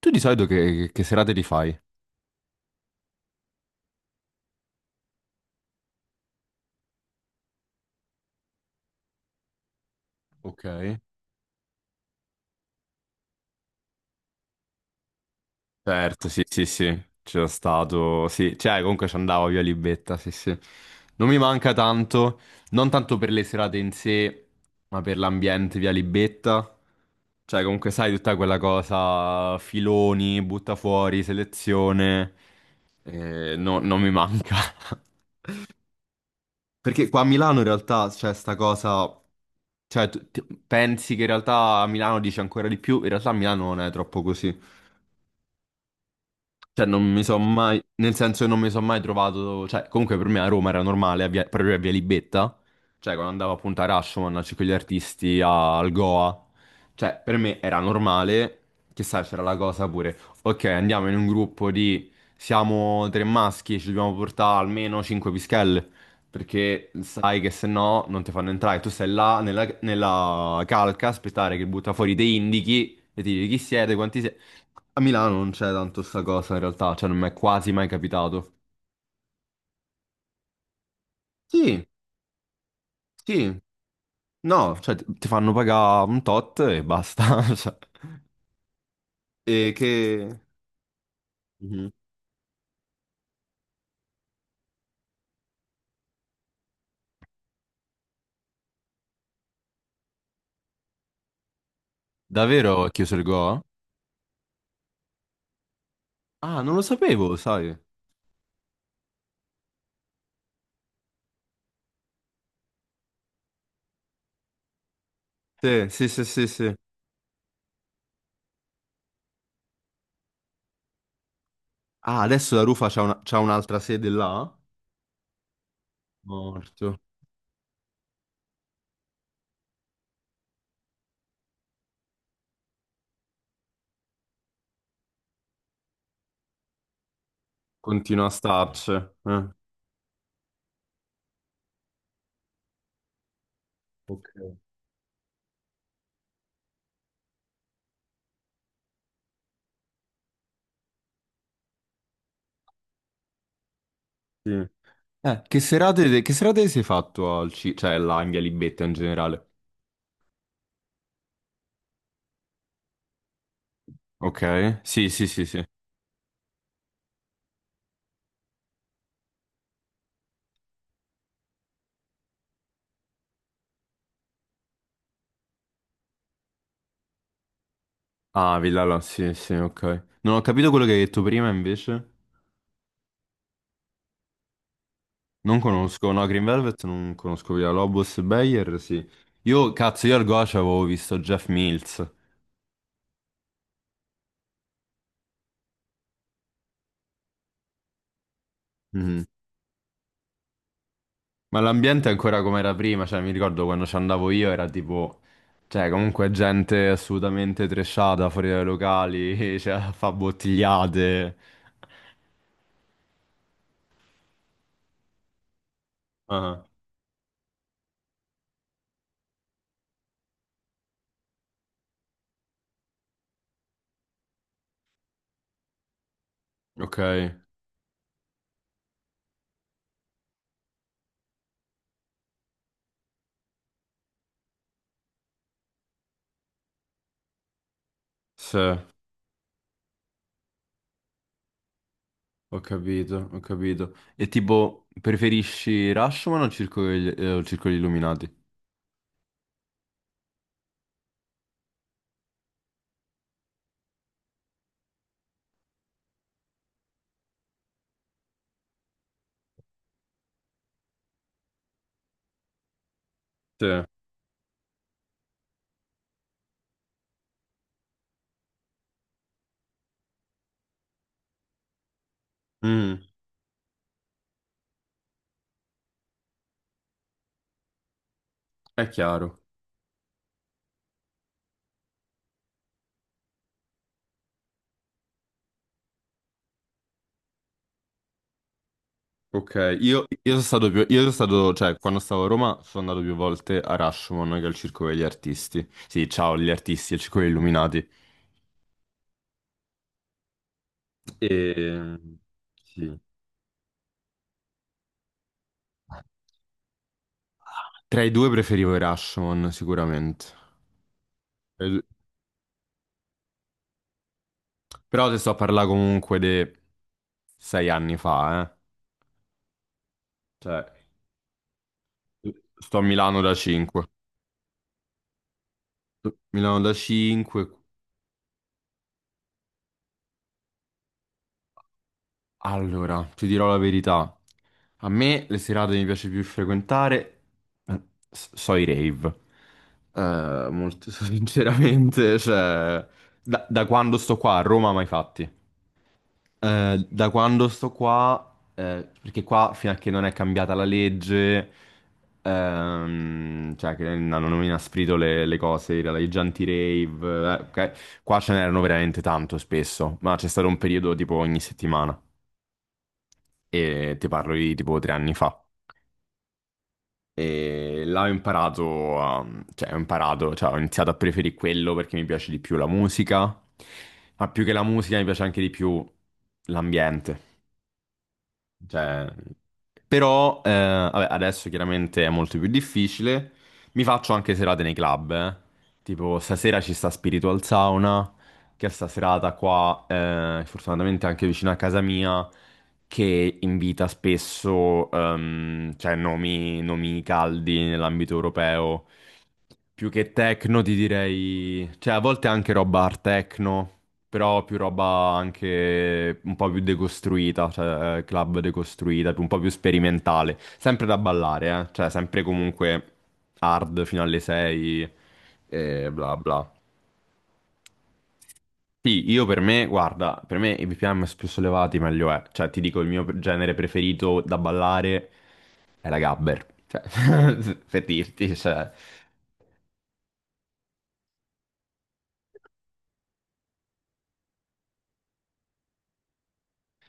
Tu di solito che serate li fai? Ok, certo, sì, sì, sì, c'era stato, sì, cioè comunque ci andavo via Libetta, sì, sì. Non mi manca tanto, non tanto per le serate in sé, ma per l'ambiente via Libetta. Cioè comunque sai tutta quella cosa, filoni, butta fuori, selezione, non mi manca. Perché qua a Milano in realtà c'è sta cosa, cioè pensi che in realtà a Milano dice ancora di più, in realtà a Milano non è troppo così. Cioè, non mi sono mai, nel senso che non mi sono mai trovato, cioè, comunque per me a Roma era normale, proprio a Via Libetta, cioè, quando andavo appunto a Rashomon, a Circo degli Artisti, al Goa, cioè, per me era normale, che sai, c'era la cosa pure, ok, andiamo in un gruppo di, siamo tre maschi, ci dobbiamo portare almeno cinque pischelle, perché sai che se no non ti fanno entrare, tu stai là nella, nella calca, aspettare che butta fuori dei indichi, e ti dici chi siete, quanti siete, a Milano non c'è tanto sta cosa in realtà, cioè non mi è quasi mai capitato. Sì, sì, no, cioè ti fanno pagare un tot e basta. cioè. E che... Mhm. Davvero è chiuso il Go? Ah, non lo sapevo, sai. Sì, sì, sì, sì, sì. Ah, adesso la Rufa c'ha un'altra sede là? Morto. Continua a starci. Ok, sì. Che serate si è fatto al cioè là in Via Libetta in generale? Ok, sì, sì, sì, sì. Ah, Villala, sì, sì, ok. Non ho capito quello che hai detto prima, invece. Non conosco, no, Green Velvet non conosco Villa Lobos e Bayer, sì. Io, cazzo, io al Goce avevo visto Jeff Mills. Mhm. Ma l'ambiente è ancora come era prima, cioè mi ricordo quando ci andavo io era tipo... Cioè, comunque gente assolutamente trashata fuori dai locali, cioè, fa bottigliate. Ah, ok, sì. Ho capito, ho capito. E tipo, preferisci Rashomon o Circolo, o Circolo degli Illuminati? Sì. Mm, è chiaro. Ok, io sono stato più, io sono stato, cioè, quando stavo a Roma sono andato più volte a Rashomon che al Circolo degli Artisti. Sì, ciao, gli artisti, al Circolo degli Illuminati. E... Sì. Tra i due preferivo i Rashomon, sicuramente. Tra i due. Però te sto a parlare comunque di 6 anni fa, eh. Cioè, sto a Milano da 5. Milano da 5. Allora, ti dirò la verità. A me le serate mi piace più frequentare, eh, so i rave. Molto sinceramente, cioè, da quando sto qua a Roma mai fatti. Da quando sto qua, perché qua fino a che non è cambiata la legge, cioè che hanno inasprito le cose, i giganti rave, ok? Qua ce n'erano veramente tanto spesso, ma c'è stato un periodo tipo ogni settimana e ti parlo di tipo 3 anni fa. E là cioè ho imparato, cioè ho iniziato a preferire quello perché mi piace di più la musica, ma più che la musica mi piace anche di più l'ambiente. Cioè, però vabbè, adesso chiaramente è molto più difficile. Mi faccio anche serate nei club, eh. Tipo stasera ci sta Spiritual Sauna, che è sta serata qua, fortunatamente anche vicino a casa mia, che invita spesso cioè, nomi caldi nell'ambito europeo. Più che techno ti direi, cioè a volte anche roba art techno però più roba anche un po' più decostruita, cioè club decostruita, un po' più sperimentale. Sempre da ballare, eh? Cioè sempre comunque hard fino alle 6 e bla bla. Sì, io per me, guarda, per me i BPM più sollevati meglio è. Cioè ti dico il mio genere preferito da ballare è la gabber. Cioè, per dirti, cioè...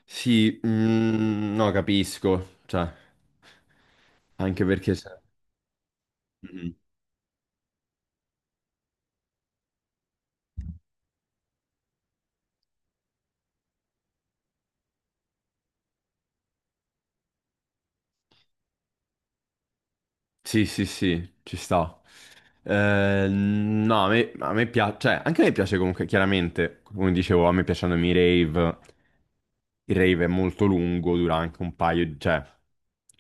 Sì, mm, no, capisco, cioè... Anche perché... Mm. Sì, sì, sì, ci sta. No, a me piace, cioè, anche a me piace comunque, chiaramente, come dicevo, a me piacciono i rave, il rave è molto lungo, dura anche cioè,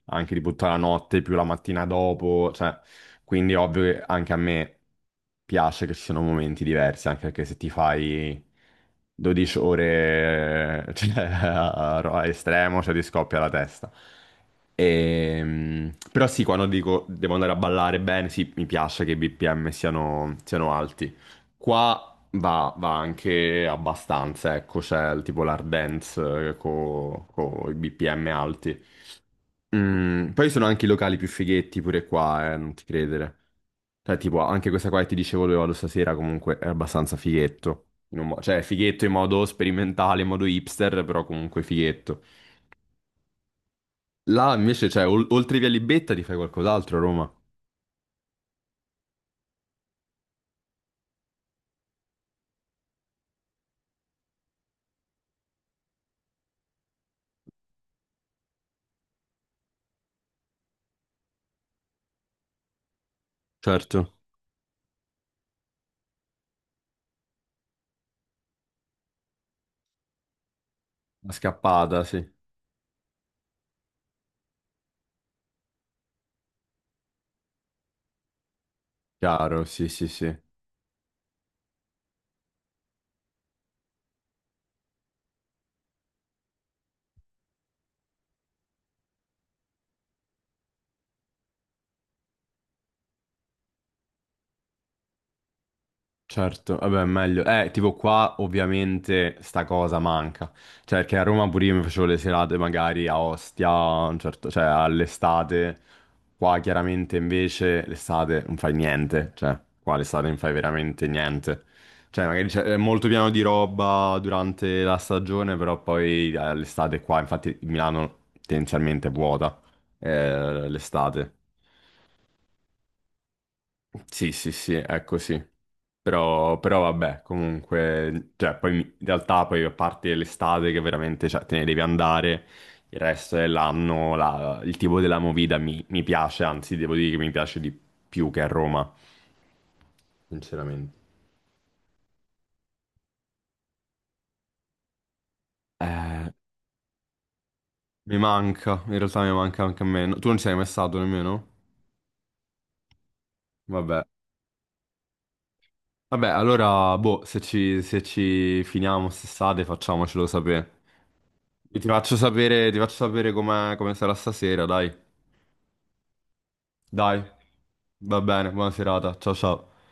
anche tipo tutta la notte più la mattina dopo, cioè, quindi è ovvio che anche a me piace che ci sono momenti diversi, anche perché se ti fai 12 ore cioè, a estremo, cioè ti scoppia la testa. Però sì, quando dico devo andare a ballare bene, sì, mi piace che i BPM siano alti. Qua va anche abbastanza, ecco, c'è il tipo l'hard dance con i BPM alti. Mm, poi sono anche i locali più fighetti pure qua, non ti credere. Cioè, tipo, anche questa qua che ti dicevo dove vado stasera comunque è abbastanza fighetto. Cioè, è fighetto in modo sperimentale, in modo hipster, però comunque fighetto. Là invece, cioè, oltre via Libetta ti fai qualcos'altro a Roma. Certo. La scappata, sì. Chiaro, sì, sì, sì. Certo, vabbè, meglio. Tipo qua ovviamente sta cosa manca. Cioè, perché a Roma pure io mi facevo le serate magari a Ostia, cioè all'estate. Qua chiaramente invece l'estate non fai niente. Cioè, qua l'estate non fai veramente niente. Cioè, magari c'è è molto pieno di roba durante la stagione, però poi l'estate qua, infatti Milano tendenzialmente è vuota, l'estate. Sì, sì, sì, è così. Però vabbè, comunque, cioè, poi in realtà poi a parte l'estate che veramente, cioè, te ne devi andare, il resto dell'anno il tipo della movida mi piace, anzi devo dire che mi piace di più che a Roma, sinceramente. Eh, mi manca, in realtà mi manca anche a me. No, tu non ci sei mai stato nemmeno? Vabbè. Vabbè, allora, boh, se ci finiamo quest'estate facciamocelo sapere. E ti faccio sapere, ti faccio sapere come sarà stasera, dai. Dai, va bene, buona serata. Ciao ciao.